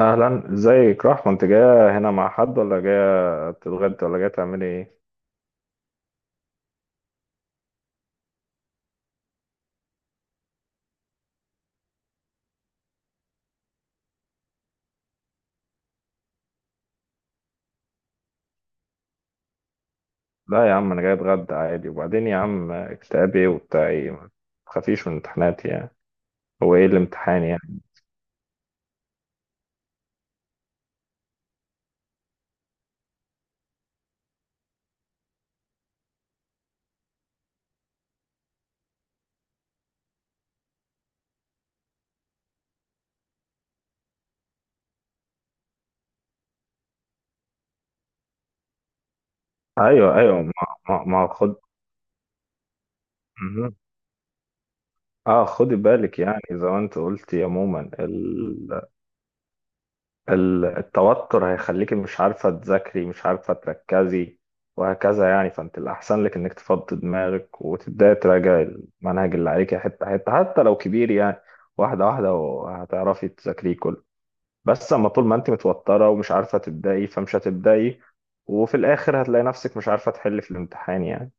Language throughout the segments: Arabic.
اهلا، ازيك رحمة؟ انت جاية هنا مع حد ولا جاية تتغدى ولا جاية تعملي ايه؟ لا يا عم، انا جاي اتغدى عادي. وبعدين يا عم، اكتئاب ايه وبتاع ايه؟ ما تخافيش من امتحاناتي يعني. هو ايه الامتحان يعني؟ ايوه، ايوه. ما خد. مهم. اه، خدي بالك يعني، زي ما انت قلتي. عموما التوتر هيخليكي مش عارفة تذاكري، مش عارفة تركزي، وهكذا يعني. فانت الأحسن لك إنك تفضي دماغك وتبدأي تراجعي المنهج اللي عليكي حتة حتة، حتى لو كبير يعني. واحدة واحدة، وهتعرفي تذاكريه كله. بس أما طول ما أنت متوترة ومش عارفة تبدأي، فمش هتبدأي. وفي الآخر هتلاقي نفسك مش عارفة تحلي في الامتحان يعني.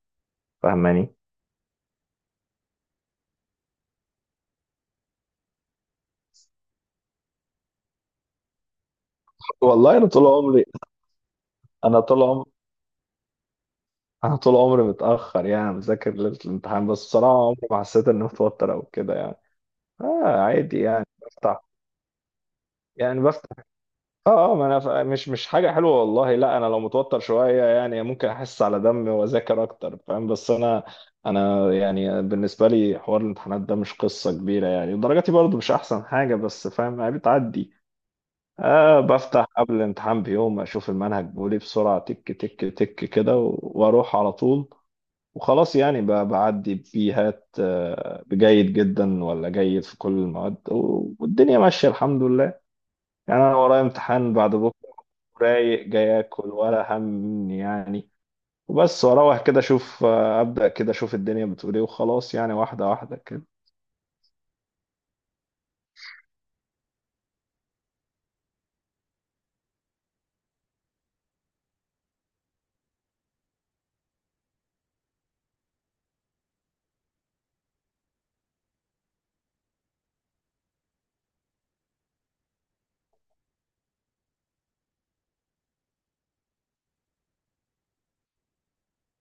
فاهماني؟ والله انا طول عمري انا طول عمري انا طول عمري متاخر يعني، بذاكر ليله الامتحان. بس بصراحه عمري ما حسيت اني متوتر او كده يعني. اه، عادي يعني. بفتح. اه ما انا مش حاجه حلوه والله. لا، انا لو متوتر شويه يعني ممكن احس على دمي واذاكر اكتر، فاهم؟ بس انا، انا يعني بالنسبه لي حوار الامتحانات ده مش قصه كبيره يعني. درجاتي برضو مش احسن حاجه، بس فاهم يعني بتعدي. بفتح قبل الامتحان بيوم، اشوف المنهج بيقول ايه بسرعه، تك تك تك كده، واروح على طول. وخلاص يعني بعدي بيهات. جيد جدا ولا جيد في كل المواد، والدنيا ماشيه الحمد لله. يعني انا ورايا امتحان بعد بكره، رايق، جاي اكل ولا هم يعني. وبس، واروح كده اشوف، ابدا كده اشوف الدنيا بتقول ايه وخلاص يعني، واحده واحده كده.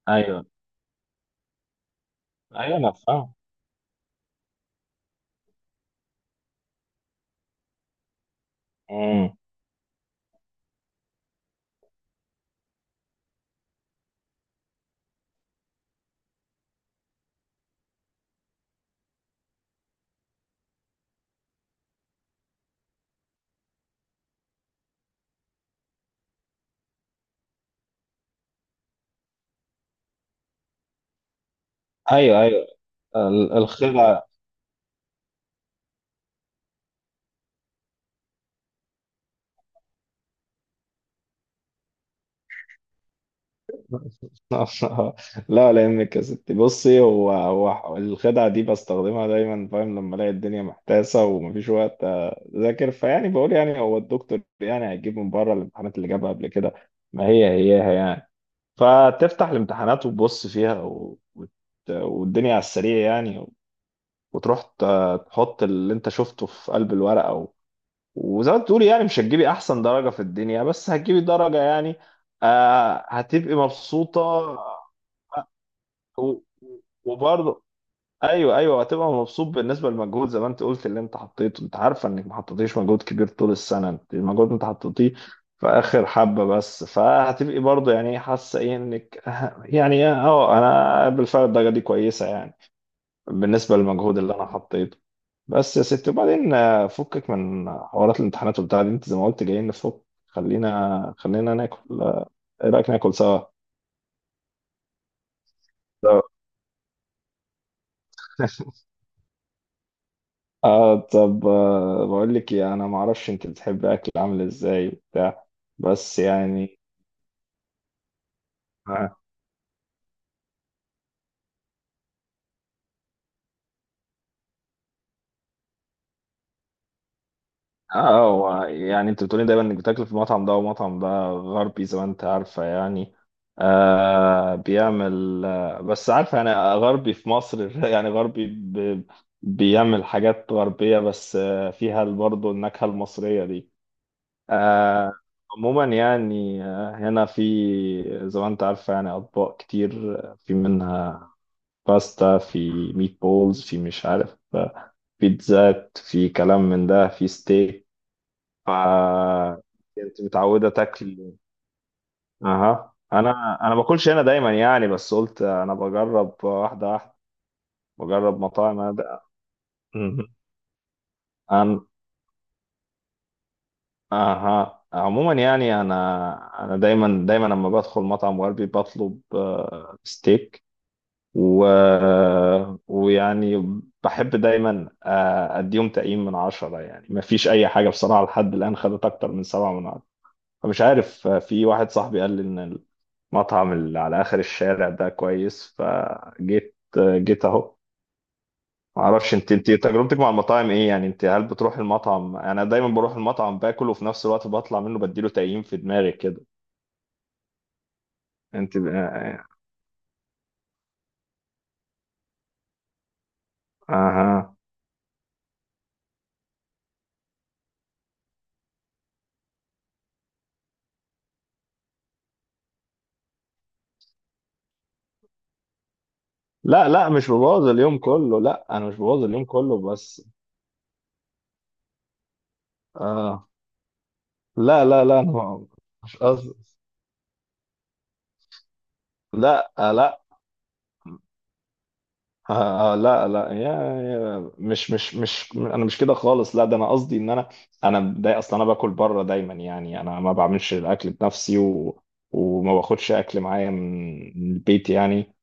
ايوه، ايوه، انا فاهم. امم ايوه، ايوه. الخدعه. لا، لا يهمك يا ستي. بصي، هو الخدعه دي بستخدمها دايما، فاهم؟ لما الاقي الدنيا محتاسه ومفيش وقت اذاكر، فيعني بقول يعني هو الدكتور يعني هيجيب من بره الامتحانات اللي جابها قبل كده؟ ما هي هيها يعني. فتفتح الامتحانات وتبص فيها، والدنيا على السريع يعني. وتروح تحط اللي انت شفته في قلب الورقة وزي ما بتقولي يعني مش هتجيبي احسن درجة في الدنيا، بس هتجيبي درجة يعني. هتبقي مبسوطة و... وبرضه. ايوه، ايوه، هتبقى مبسوط بالنسبه للمجهود، زي ما انت قلت، اللي انت حطيته. انت عارفه انك ما حطيتيش مجهود كبير طول السنه، انت المجهود انت حطيتيه في اخر حبه، بس فهتبقي برضه يعني حاسه ايه انك انا بالفعل الدرجه دي كويسه يعني بالنسبه للمجهود اللي انا حطيته. بس يا ستي، وبعدين فكك من حوارات الامتحانات وبتاع دي. انت زي ما قلت جايين نفك. خلينا، خلينا ناكل. ايه رايك ناكل سوا؟ اه، طب، بقول لك إيه، انا ما اعرفش انت بتحب اكل عامل ازاي وبتاع، بس يعني. اه هو يعني انت بتقولي دايما انك بتاكل في المطعم ده ومطعم ده غربي، زي ما انت عارفه يعني. بيعمل، بس عارفه يعني غربي في مصر يعني غربي بيعمل حاجات غربيه، بس فيها برضه النكهه المصريه دي. آه عموما يعني هنا، في زي ما انت عارفه يعني اطباق كتير. في منها باستا، في ميت بولز، في مش عارف، بيتزات، في كلام من ده، في ستيك. ف كنت متعودة تاكل؟ اها، انا باكلش هنا دايما يعني، بس قلت انا بجرب واحدة واحدة، بجرب مطاعم أنا ده. مهم. أنا، اها، عموما يعني انا دايما لما بدخل مطعم غربي بطلب، ستيك و... ويعني بحب دايما، اديهم تقييم من عشرة يعني. ما فيش اي حاجة بصراحة لحد الان خدت اكتر من سبعة من عشرة. فمش عارف، في واحد صاحبي قال لي ان المطعم اللي على اخر الشارع ده كويس، فجيت آه، جيت اهو. ما اعرفش انت تجربتك مع المطاعم ايه يعني. انت، هل بتروح المطعم؟ انا دايما بروح المطعم باكل، وفي نفس الوقت بطلع منه بديله تقييم في دماغي كده. انت اها، لا، لا، مش ببوظ اليوم كله. لا، انا مش ببوظ اليوم كله، بس آه لا، لا، لا، أنا مش قصدي. لا، لا، لا، لا، يا مش انا مش كده خالص. لا، ده انا قصدي ان انا، ده اصلا انا باكل بره دايما يعني. انا ما بعملش الاكل بنفسي وما باخدش اكل معايا من البيت يعني.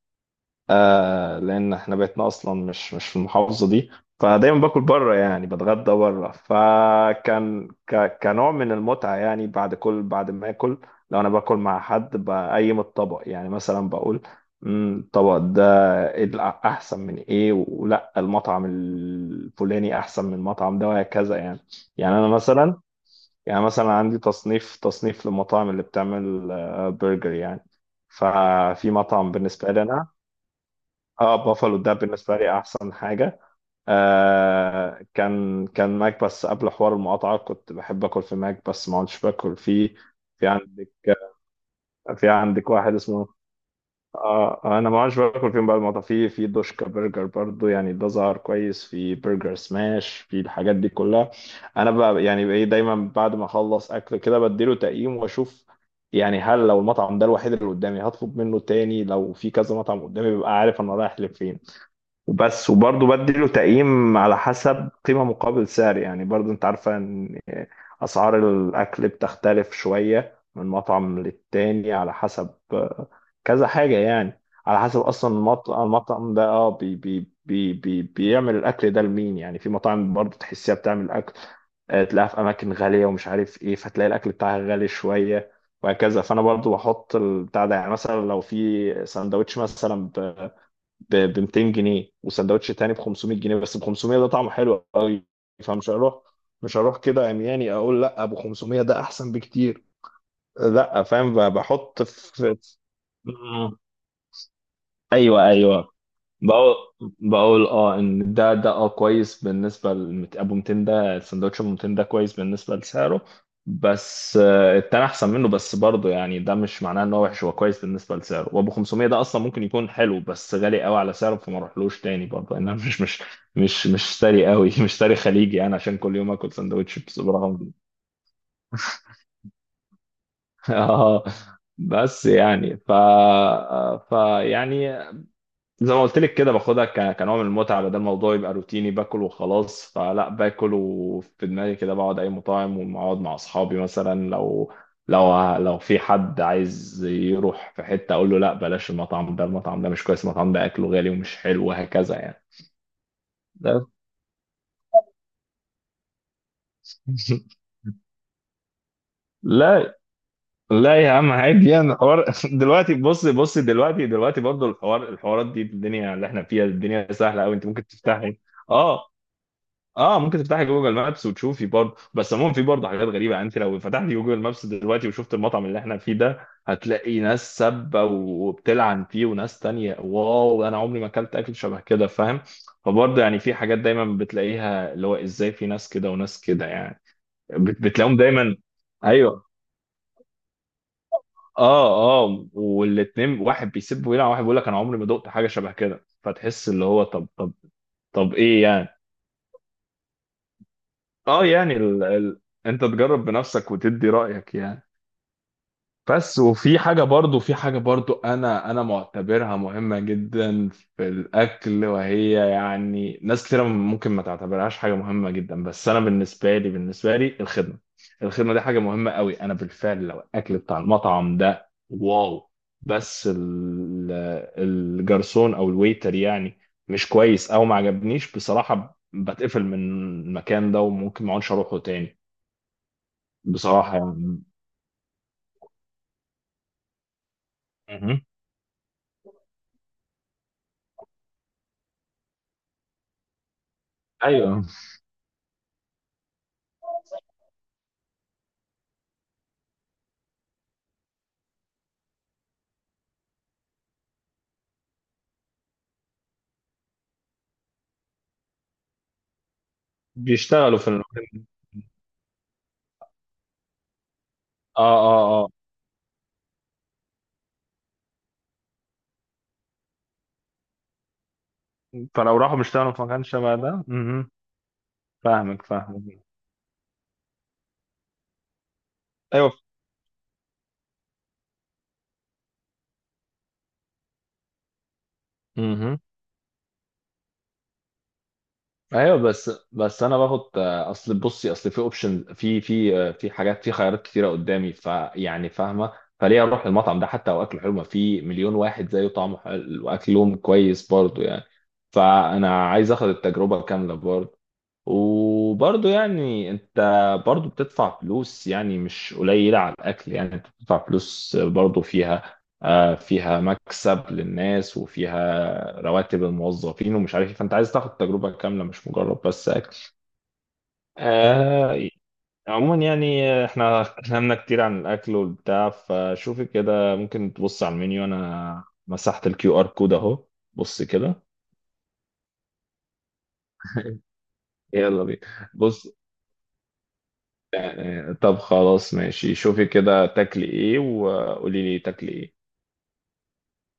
لان احنا بيتنا اصلا مش في المحافظه دي. فدايما باكل بره يعني، بتغدى بره. فكان كنوع من المتعه يعني، بعد بعد ما اكل، لو انا باكل مع حد بقيم الطبق، يعني مثلا بقول: الطبق ده إيه، احسن من ايه، ولا المطعم الفلاني احسن من المطعم ده"، وهكذا يعني. يعني انا مثلا، عندي تصنيف للمطاعم اللي بتعمل، برجر يعني. ففي مطعم بالنسبه لي انا، اه، بافالو ده بالنسبه لي احسن حاجه. كان، ماك. بس قبل حوار المقاطعه كنت بحب اكل في ماك، بس ما عدتش باكل فيه. في عندك في عندك واحد اسمه، انا ما عدتش باكل فيهم بقى المقاطعه. في دوشكا برجر برضو، يعني ده ظهر كويس. في برجر سماش، في الحاجات دي كلها. انا بقى يعني ايه، دايما بعد ما اخلص اكل كده بديله تقييم واشوف يعني، هل لو المطعم ده الوحيد اللي قدامي هطلب منه تاني؟ لو في كذا مطعم قدامي ببقى عارف انا رايح لفين وبس. وبرضه بديله تقييم على حسب قيمة مقابل سعر، يعني برضه انت عارفة ان اسعار الاكل بتختلف شوية من مطعم للتاني، على حسب كذا حاجة يعني. على حسب اصلا المطعم، ده اه بي بي بي بي بيعمل الاكل ده لمين يعني. في مطاعم برضه تحسيها بتعمل اكل، تلاقيها في اماكن غالية، ومش عارف ايه، فتلاقي الاكل بتاعها غالي شوية، وهكذا. فانا برضه بحط البتاع ده يعني، مثلا لو في سندوتش مثلا ب 200 جنيه، وسندوتش تاني ب 500 جنيه، بس ب 500 ده طعمه حلو قوي، فمش هروح مش هروح كده عمياني اقول لا، ابو 500 ده احسن بكتير. لا، فاهم؟ بحط في مم. ايوه، ايوه، بقول، ان ده، كويس بالنسبه ابو 200 ده، السندوتش ابو 200 ده كويس بالنسبه لسعره، بس التاني احسن منه، بس برضه يعني ده مش معناه ان هو وحش، هو كويس بالنسبه لسعره. وابو 500 ده اصلا ممكن يكون حلو بس غالي قوي على سعره، فما اروحلوش تاني برضه. انا مش ساري قوي مش ساري خليجي انا عشان كل يوم اكل سندوتش، بس برغم. اه، بس يعني ف ف يعني زي ما قلت لك كده، باخدها كنوع من المتعه، بدل الموضوع يبقى روتيني باكل وخلاص. فلا، باكل وفي دماغي كده بقعد اي مطاعم واقعد مع اصحابي. مثلا لو في حد عايز يروح في حته، اقول له لا، بلاش المطعم ده، المطعم ده مش كويس، المطعم ده اكله غالي ومش حلو، وهكذا يعني. ده- لا، لا يا عم، عادي يعني الحوار. دلوقتي، بص بص، دلوقتي برضه الحوار، الحوارات دي، الدنيا اللي احنا فيها، الدنيا سهله قوي، انت ممكن تفتحي. اه اه ممكن تفتحي جوجل مابس وتشوفي برضه. بس عموما في برضه حاجات غريبه يعني. انت لو فتحتي جوجل مابس دلوقتي وشفت المطعم اللي احنا فيه ده، هتلاقي ناس سابه وبتلعن فيه، وناس تانية: واو، انا عمري ما اكلت اكل شبه كده، فاهم؟ فبرضه يعني في حاجات دايما بتلاقيها اللي هو ازاي في ناس كده وناس كده يعني، بتلاقيهم دايما. ايوه، اه والاتنين، واحد بيسب ويلعن، واحد بيقول لك انا عمري ما دقت حاجه شبه كده، فتحس اللي هو طب، طب، طب ايه يعني. اه، يعني انت تجرب بنفسك وتدي رأيك يعني. بس وفي حاجة برضو، انا معتبرها مهمة جدا في الاكل، وهي يعني ناس كتير ممكن ما تعتبرهاش حاجة مهمة جدا، بس انا بالنسبة لي الخدمة، الخدمة دي حاجة مهمة قوي. انا بالفعل لو الاكل بتاع المطعم ده واو، بس الجرسون او الويتر يعني مش كويس، او ما عجبنيش بصراحة، بتقفل من المكان ده وممكن ما اقعدش اروحه تاني بصراحة يعني. مهم. أيوه، بيشتغلوا في المكان. آه آه آه فلو راحوا بيشتغلوا في مكان شبه ده. فاهمك، فاهمك. أيوه. مهم. أيوه، بس، أنا باخد، أصل بصي، أصل في أوبشن في حاجات، في خيارات كتيرة قدامي، فيعني فاهمة؟ فليه أروح المطعم ده حتى لو أكله حلو؟ ما في مليون واحد زيه طعمه حلو وأكلهم كويس برضه يعني. فأنا عايز آخد التجربة كاملة برضه. وبرضه يعني انت، برضه بتدفع فلوس يعني مش قليلة على الأكل، يعني انت بتدفع فلوس برضه فيها، فيها مكسب للناس وفيها رواتب الموظفين ومش عارف ايه. فانت عايز تاخد تجربة كاملة، مش مجرد بس أكل. آه، عموما يعني احنا اتكلمنا كتير عن الأكل والبتاع. فشوفي كده، ممكن تبص على المنيو. أنا مسحت الـ QR code أهو. بص كده. يلا بينا. بص. يعني طب خلاص ماشي، شوفي كده تاكلي ايه، وقولي لي تاكلي ايه.